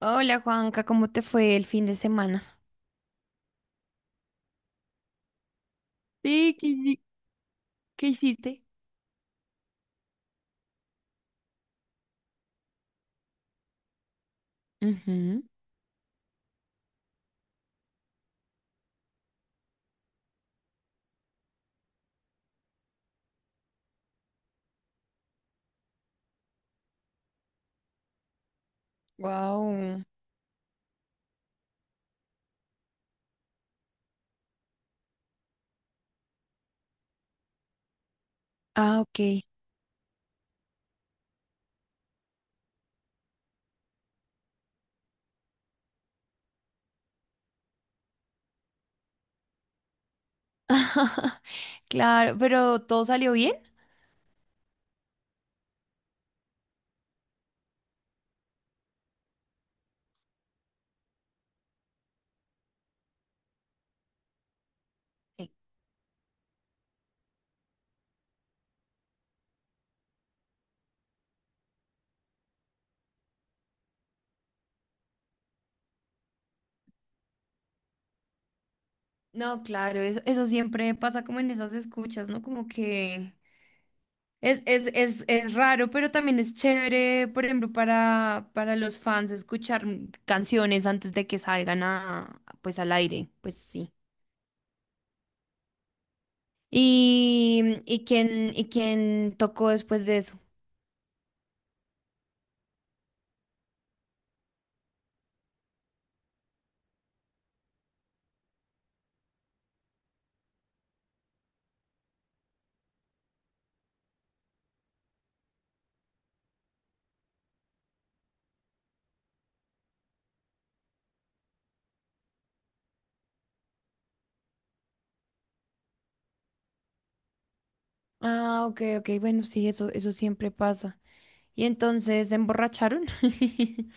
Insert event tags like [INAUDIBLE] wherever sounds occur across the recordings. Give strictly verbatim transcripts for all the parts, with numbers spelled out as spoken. Hola Juanca, ¿cómo te fue el fin de semana? Sí, ¿qué, hici- Qué hiciste? Wow. Ah, ok. [LAUGHS] Claro, pero ¿todo salió bien? Sí. No, claro, eso, eso siempre pasa como en esas escuchas, ¿no? Como que es, es, es, es raro, pero también es chévere, por ejemplo, para, para los fans escuchar canciones antes de que salgan a, pues al aire, pues sí. ¿Y, y quién, y quién tocó después de eso? Ah, ok, ok, bueno, sí, eso, eso siempre pasa. Y entonces se emborracharon. [LAUGHS]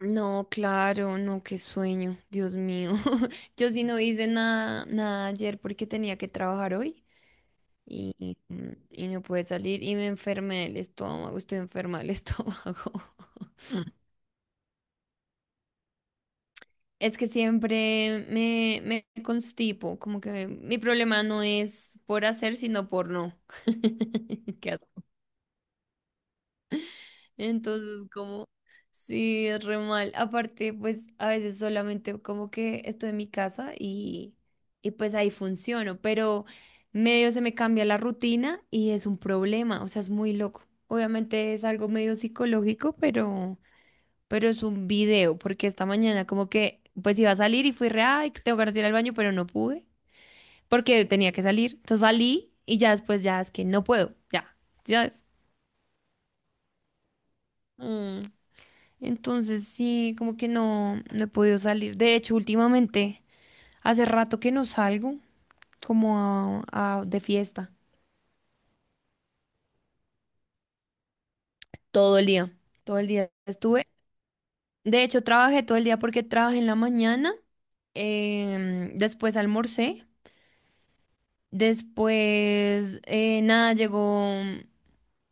No, claro, no, qué sueño, Dios mío. [LAUGHS] Yo sí no hice nada, nada ayer porque tenía que trabajar hoy y, y mm, y no pude salir y me enfermé del estómago, estoy enferma del [LAUGHS] estómago. Es que siempre me, me constipo, como que mi problema no es por hacer, sino por no. [LAUGHS] Qué. Entonces, como, sí, es re mal. Aparte, pues a veces solamente como que estoy en mi casa y, y pues ahí funciono, pero medio se me cambia la rutina y es un problema, o sea, es muy loco. Obviamente es algo medio psicológico, pero, pero es un video, porque esta mañana como que, pues iba a salir y fui re, ay, que tengo ganas de ir al baño, pero no pude, porque tenía que salir. Entonces salí y ya después ya es que no puedo, ya, ya es. Entonces sí, como que no, no he podido salir. De hecho, últimamente, hace rato que no salgo como a, a- de fiesta. Todo el día. Todo el día estuve. De hecho, trabajé todo el día porque trabajé en la mañana, em, después almorcé, después, eh, nada, llegó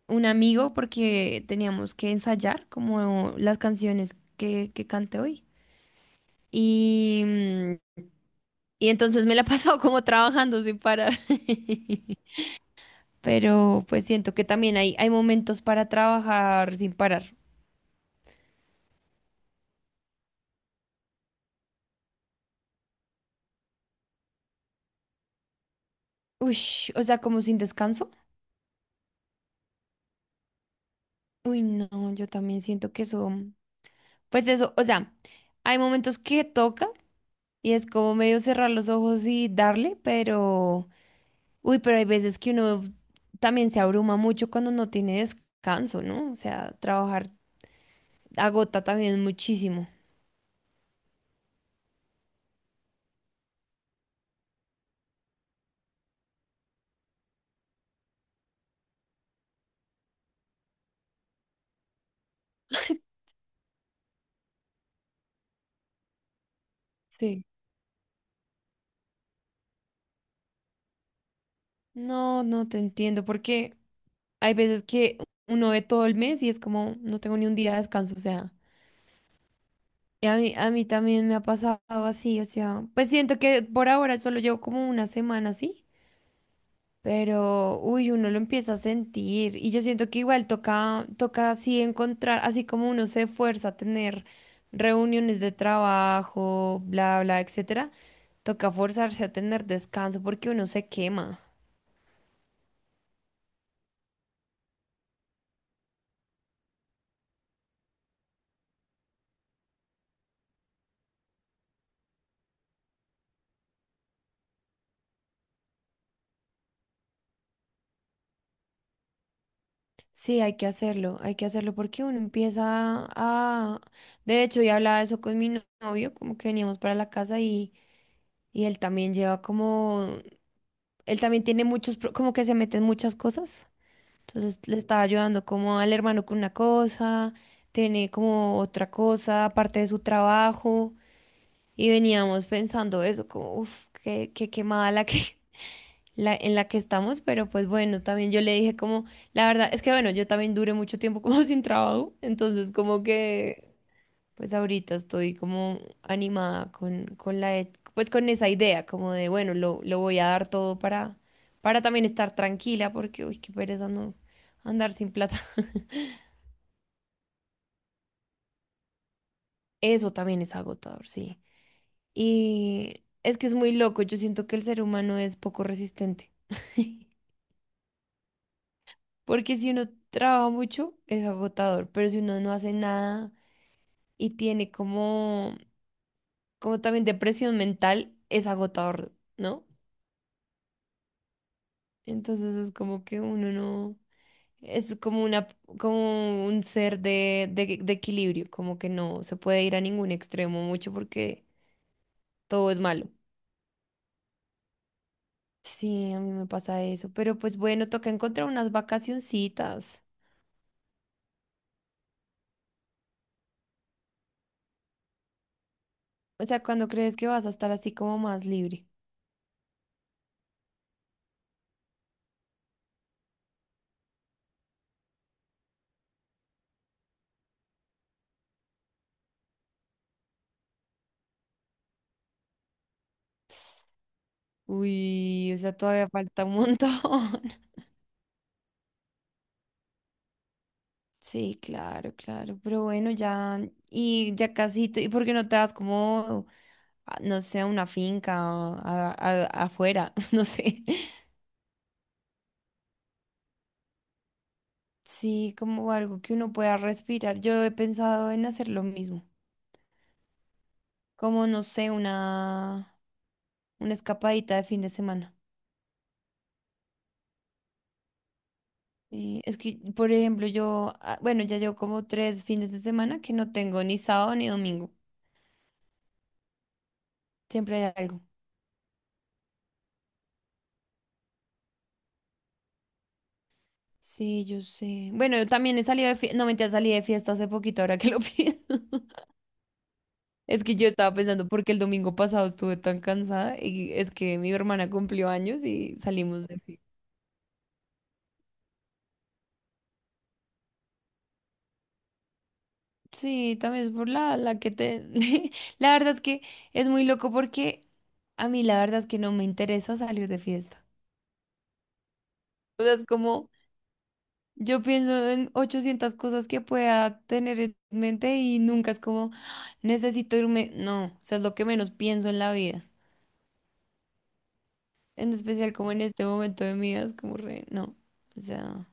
un amigo porque teníamos que ensayar como las canciones que, que canté hoy. Y mm, Y entonces me la [LAUGHS] he pasado como trabajando sin parar. [LAUGHS] Pero pues siento que también hay, hay momentos para trabajar sin parar. Uy, o sea, como sin descanso. Uy, no, yo también siento que eso, pues eso, o sea, hay momentos que toca y es como medio cerrar los ojos y darle, pero, uy, pero hay veces que uno también se abruma mucho cuando no tiene descanso, ¿no? O sea, trabajar agota también muchísimo. Sí. No, no te entiendo, porque hay veces que uno ve todo el mes y es como, no tengo ni un día de descanso, o sea, y a mí, a mí también me ha pasado así, o sea, pues siento que por ahora solo llevo como una semana así, pero, uy, uno lo empieza a sentir y yo siento que igual toca, toca así encontrar, así como uno se esfuerza a tener reuniones de trabajo, bla, bla, etcétera, toca forzarse a tener descanso porque uno se quema. Sí, hay que hacerlo, hay que hacerlo porque uno empieza a... De hecho, yo hablaba de eso con mi no- novio, como que veníamos para la casa y, y él también lleva como... Él también tiene muchos, pro- como que se meten muchas cosas. Entonces le estaba ayudando como al hermano con una cosa, tiene como otra cosa, aparte de su trabajo. Y veníamos pensando eso, como, uff, qué, qué quemada la que... [LAUGHS] la, en la que estamos, pero pues bueno, también yo le dije como, la verdad, es que bueno, yo también duré mucho tiempo como [LAUGHS] sin trabajo, entonces como que, pues ahorita estoy como animada con, con la, e- pues con esa idea, como de, bueno, lo, lo voy a dar todo para, para también estar tranquila, porque, uy, qué pereza no andar sin plata. [LAUGHS] Eso también es agotador, sí. Y es que es muy loco, yo siento que el ser humano es poco resistente. [LAUGHS] Porque si uno trabaja mucho, es agotador, pero si uno no hace nada y tiene como, como también depresión mental, es agotador, ¿no? Entonces es como que uno no, es como una, como un ser de, de, de equilibrio, como que no se puede ir a ningún extremo mucho porque todo es malo. Sí, a mí me pasa eso, pero pues bueno, toca encontrar unas vacacioncitas. O sea, ¿cuando crees que vas a estar así como más libre? Uy, o sea, todavía falta un [LAUGHS] montón. Sí, claro, claro, pero bueno, ya, y ya casi, tú- ¿y por qué no te das como, a- no sé, a una finca o a- a- afuera? [LAUGHS] No sé. Sí, como algo que uno pueda respirar. Yo he pensado en hacer lo mismo, como, no sé, una, una escapadita de fin de semana. Sí, es que, por ejemplo, yo, ah, bueno, ya llevo como tres fines de semana que no tengo ni sábado ni domingo, siempre hay algo. Sí, yo sé. Bueno, yo también he salido de fiesta. No, mentira, salí de fiesta hace poquito, ahora que lo [LAUGHS] pienso. Es que yo estaba pensando porque el domingo pasado estuve tan cansada y es que mi hermana cumplió años y salimos de fiesta. Sí, también es por la, la que te... [LAUGHS] La verdad es que es muy loco porque a mí la verdad es que no me interesa salir de fiesta. O sea, es como yo pienso en ochocientas cosas que pueda tener en mente y nunca es como "Ah, necesito irme". No, o sea, es lo que menos pienso en la vida. En especial como en este momento de mi vida, es como re, no, o sea,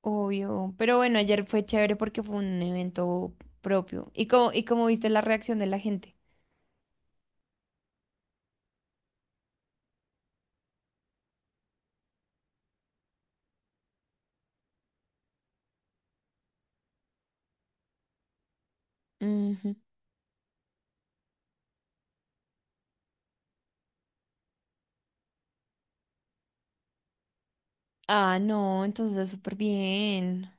obvio. Pero bueno, ayer fue chévere porque fue un evento propio. ¿Y como y como viste la reacción de la gente? Ujú. Ah, no, entonces súper bien.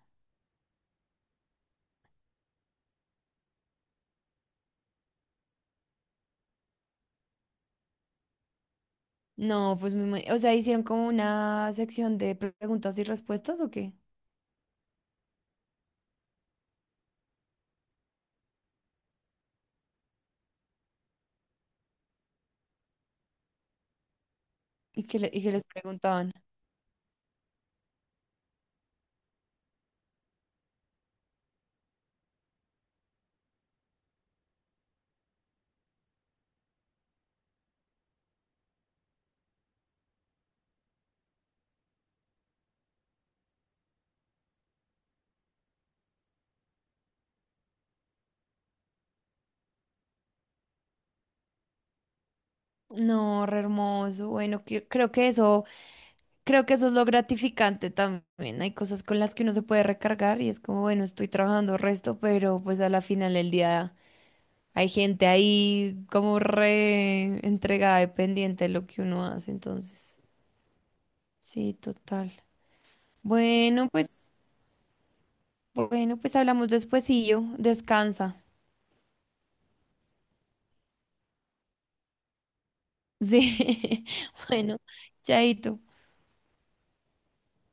No, pues me ima- o sea, ¿hicieron como una sección de preguntas y respuestas o qué? ¿Y qué, le- y qué les preguntaban? No, re hermoso. Bueno, que- creo que eso. Creo que eso es lo gratificante también. Hay cosas con las que uno se puede recargar y es como, bueno, estoy trabajando resto, pero pues a la final del día hay gente ahí como re entregada, dependiente de lo que uno hace. Entonces, sí, total. Bueno, pues, bueno, pues hablamos despuesillo. Descansa. Sí. [LAUGHS] Bueno, chaito.